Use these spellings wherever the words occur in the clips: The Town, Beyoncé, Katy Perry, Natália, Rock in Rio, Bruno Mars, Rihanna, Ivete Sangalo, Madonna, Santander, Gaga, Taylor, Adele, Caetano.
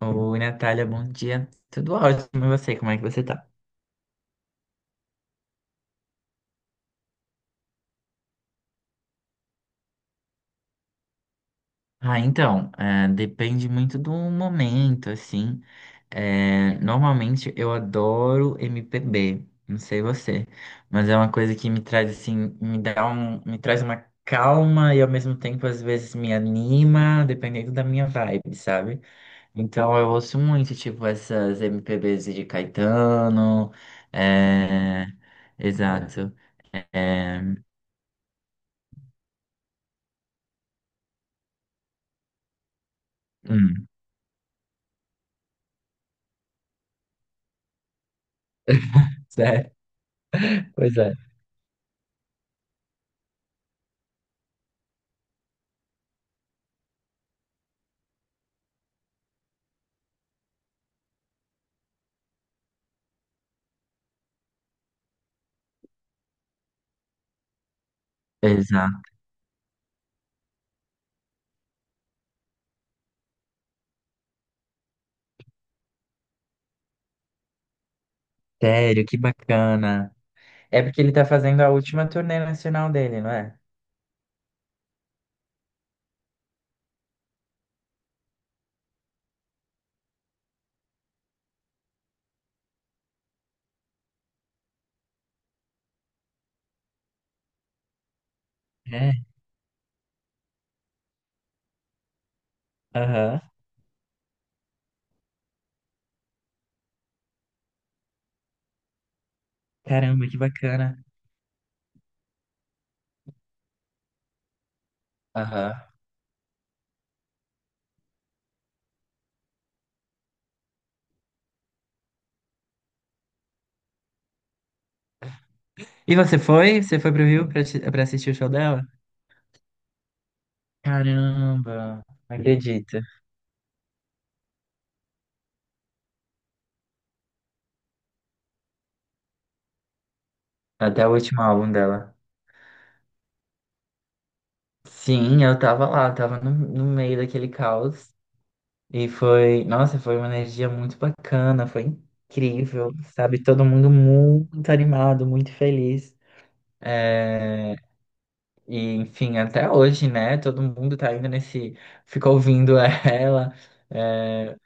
Oi, Natália, bom dia. Tudo ótimo, e você? Como é que você tá? Ah, então, é, depende muito do momento, assim. É, normalmente eu adoro MPB, não sei você, mas é uma coisa que me traz, assim, me dá um, me traz uma calma e ao mesmo tempo às vezes me anima, dependendo da minha vibe, sabe? Então eu ouço muito, tipo, essas MPBs de Caetano, é, exato. É, hum, Pois é. Exato. Sério, que bacana. É porque ele tá fazendo a última turnê nacional dele, não é? É. Aham. Caramba, que bacana. Aham. E você foi? Você foi pro Rio pra assistir o show dela? Caramba, não acredito. Até o último álbum dela. Sim, eu tava lá, tava no meio daquele caos. E foi, nossa, foi uma energia muito bacana, foi incrível, sabe? Todo mundo muito animado, muito feliz. E, enfim, até hoje, né? Todo mundo tá indo nesse. Ficou ouvindo ela. É,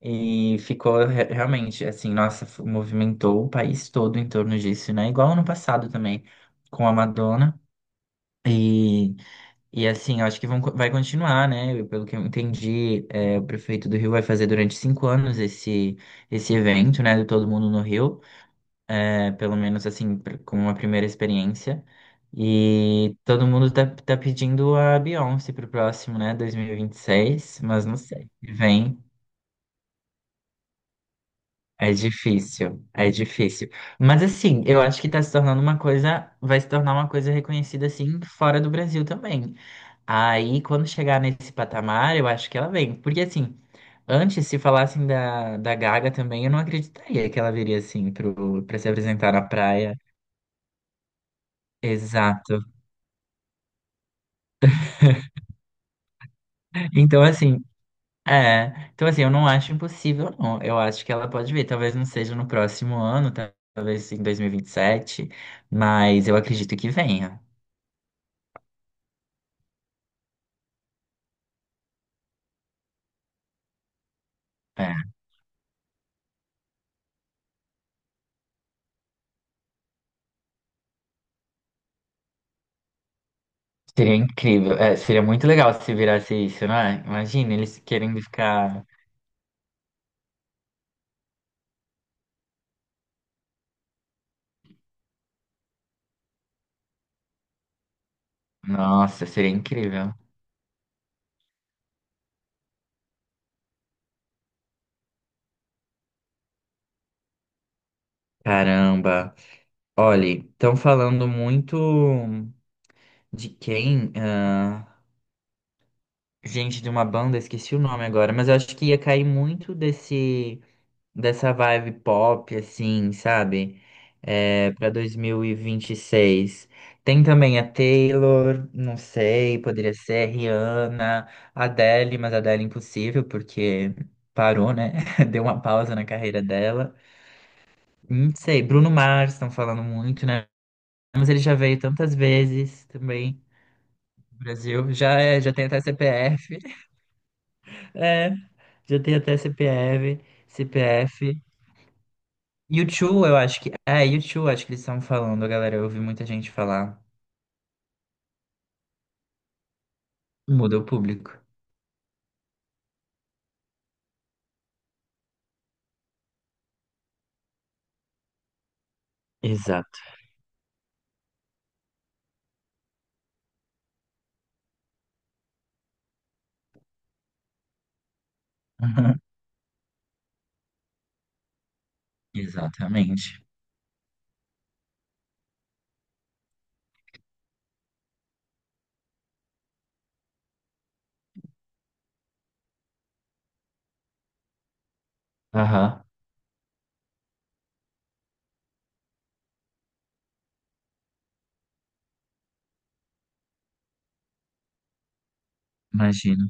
e ficou realmente, assim, nossa, movimentou o país todo em torno disso, né? Igual ano passado também, com a Madonna. E, e assim, eu acho que vai continuar, né? Pelo que eu entendi, é, o prefeito do Rio vai fazer durante 5 anos esse, esse evento, né? Do Todo Mundo no Rio é, pelo menos assim, como uma primeira experiência. E todo mundo tá pedindo a Beyoncé pro próximo, né? 2026, mas não sei. Vem. É difícil, é difícil. Mas assim, eu acho que tá se tornando uma coisa, vai se tornar uma coisa reconhecida assim fora do Brasil também. Aí, quando chegar nesse patamar, eu acho que ela vem. Porque assim, antes, se falassem da Gaga também, eu não acreditaria que ela viria assim pra se apresentar na praia. Exato. Então, assim, é. Então, assim, eu não acho impossível, não. Eu acho que ela pode vir. Talvez não seja no próximo ano, talvez em dois mil e vinte e sete. Mas eu acredito que venha. É. Seria incrível. É, seria muito legal se virasse isso, não é? Imagina eles querendo ficar. Nossa, seria incrível. Caramba. Olha, estão falando muito de quem? Ah, gente de uma banda, esqueci o nome agora, mas eu acho que ia cair muito desse, dessa vibe pop, assim, sabe? É, para dois mil e vinte e seis. Tem também a Taylor, não sei, poderia ser Rihanna, Adele, mas Adele é impossível, porque parou, né? Deu uma pausa na carreira dela. Não sei, Bruno Mars, estão falando muito, né? Mas ele já veio tantas vezes também no Brasil. Já, é, já tem até CPF. É, já tem até CPF. CPF. YouTube, eu acho que. É, YouTube, acho que eles estão falando, galera. Eu ouvi muita gente falar. Muda o público. Exato. Uhum. Exatamente. Aham, imagino.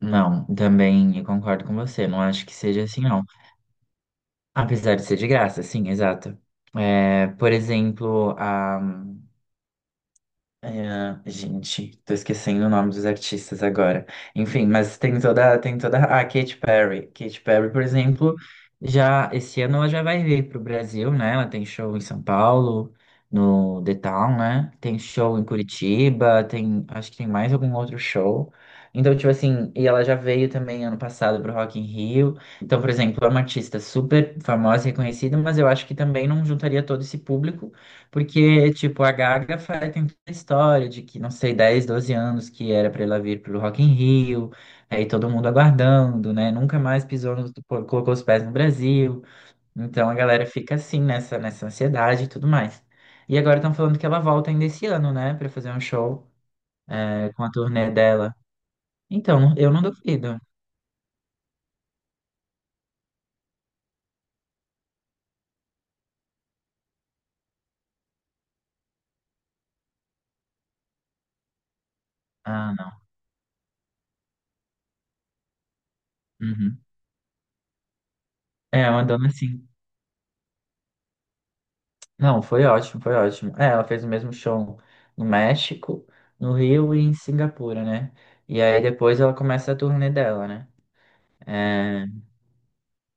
Não, também eu concordo com você. Não acho que seja assim, não. Apesar de ser de graça, sim, exato. É, por exemplo, a é, gente, tô esquecendo o nome dos artistas agora. Enfim, mas tem toda. Ah, Katy Perry. Katy Perry, por exemplo, já esse ano ela já vai vir pro Brasil, né? Ela tem show em São Paulo, no The Town, né? Tem show em Curitiba, tem, acho que tem mais algum outro show. Então, tipo assim, e ela já veio também ano passado pro Rock in Rio. Então, por exemplo, é uma artista super famosa e reconhecida, mas eu acho que também não juntaria todo esse público. Porque, tipo, a Gaga faz, tem toda a história de que, não sei, 10 12 anos que era pra ela vir pro Rock in Rio, aí todo mundo aguardando, né? Nunca mais pisou, no, pô, colocou os pés no Brasil. Então a galera fica assim, nessa ansiedade e tudo mais. E agora estão falando que ela volta ainda esse ano, né? Pra fazer um show, é, com a turnê dela. Então, eu não duvido. Ah, não. Uhum. É, uma dona assim. Não, foi ótimo, foi ótimo. É, ela fez o mesmo show no México, no Rio e em Singapura, né? E aí depois ela começa a turnê dela, né? É,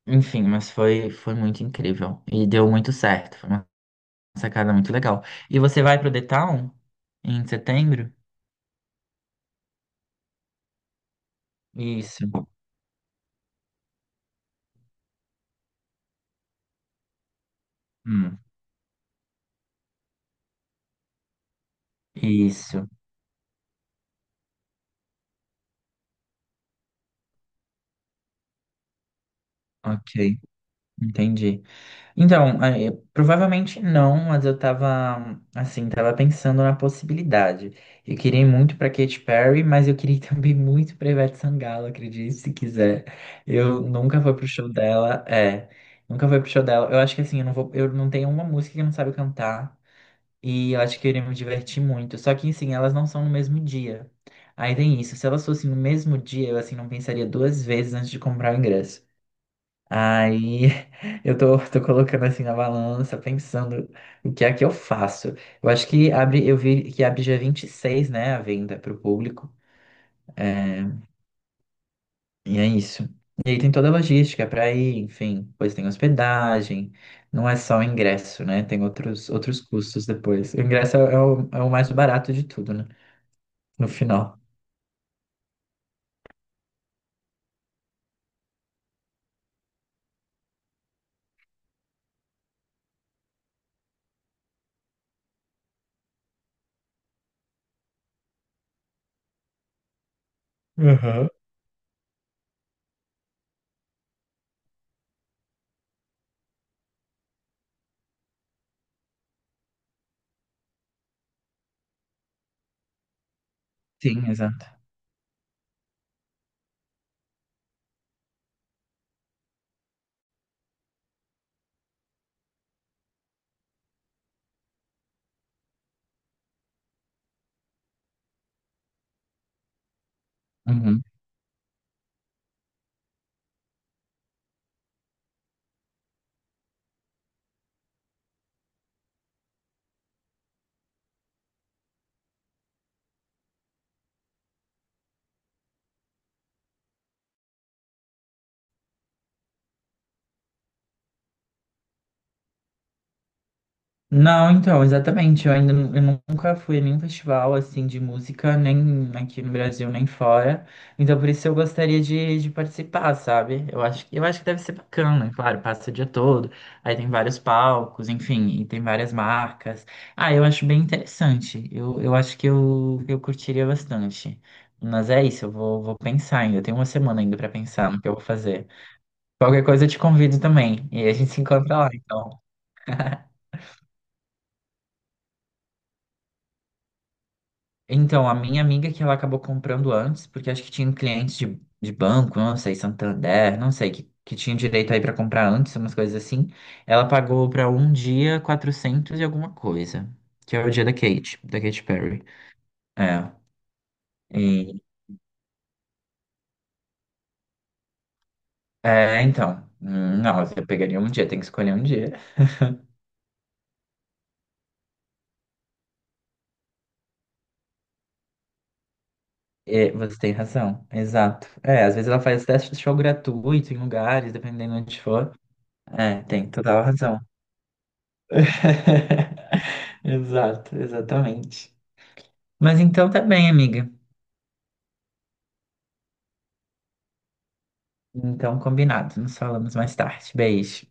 enfim, mas foi, foi muito incrível. E deu muito certo. Foi uma sacada muito legal. E você vai pro The Town em setembro? Isso. Hum, isso. Ok. Entendi. Então, é, provavelmente não, mas eu tava, assim, tava pensando na possibilidade. Eu queria ir muito pra Katy Perry, mas eu queria ir também muito pra Ivete Sangalo, acredite se quiser. Eu nunca fui pro show dela, é, nunca fui pro show dela. Eu acho que assim, eu não vou, eu não tenho uma música que eu não sabe cantar, e eu acho que eu iria me divertir muito. Só que, assim, elas não são no mesmo dia. Aí tem isso, se elas fossem no mesmo dia, eu, assim, não pensaria duas vezes antes de comprar o ingresso. Aí tô colocando assim na balança, pensando o que é que eu faço. Eu acho que abre, eu vi que abre dia 26, né, a venda para o público. É, e é isso. E aí tem toda a logística para ir, enfim, depois tem hospedagem, não é só o ingresso, né? Tem outros custos depois. O ingresso é o, é o mais barato de tudo, né? No final. Aham. Sim, exato. Uhum. Não, então, exatamente. Eu ainda eu nunca fui a nenhum festival assim de música, nem aqui no Brasil, nem fora. Então, por isso eu gostaria de participar, sabe? Eu acho, eu acho que deve ser bacana, claro, passa o dia todo, aí tem vários palcos, enfim, e tem várias marcas. Ah, eu acho bem interessante. Eu acho que eu curtiria bastante. Mas é isso, vou pensar ainda. Eu tenho uma semana ainda para pensar no que eu vou fazer. Qualquer coisa eu te convido também. E a gente se encontra lá, então. Então, a minha amiga que ela acabou comprando antes, porque acho que tinha clientes de banco, não sei, Santander, não sei, que tinha direito aí pra comprar antes, umas coisas assim. Ela pagou pra um dia 400 e alguma coisa, que é o dia da Kate, da Katy Perry. É, e, é, então, não, eu pegaria um dia, tem que escolher um dia. E você tem razão, exato. É, às vezes ela faz teste de show gratuito em lugares, dependendo de onde for. É, tem total razão. Exato, exatamente. Mas então tá bem, amiga. Então, combinado. Nos falamos mais tarde. Beijo.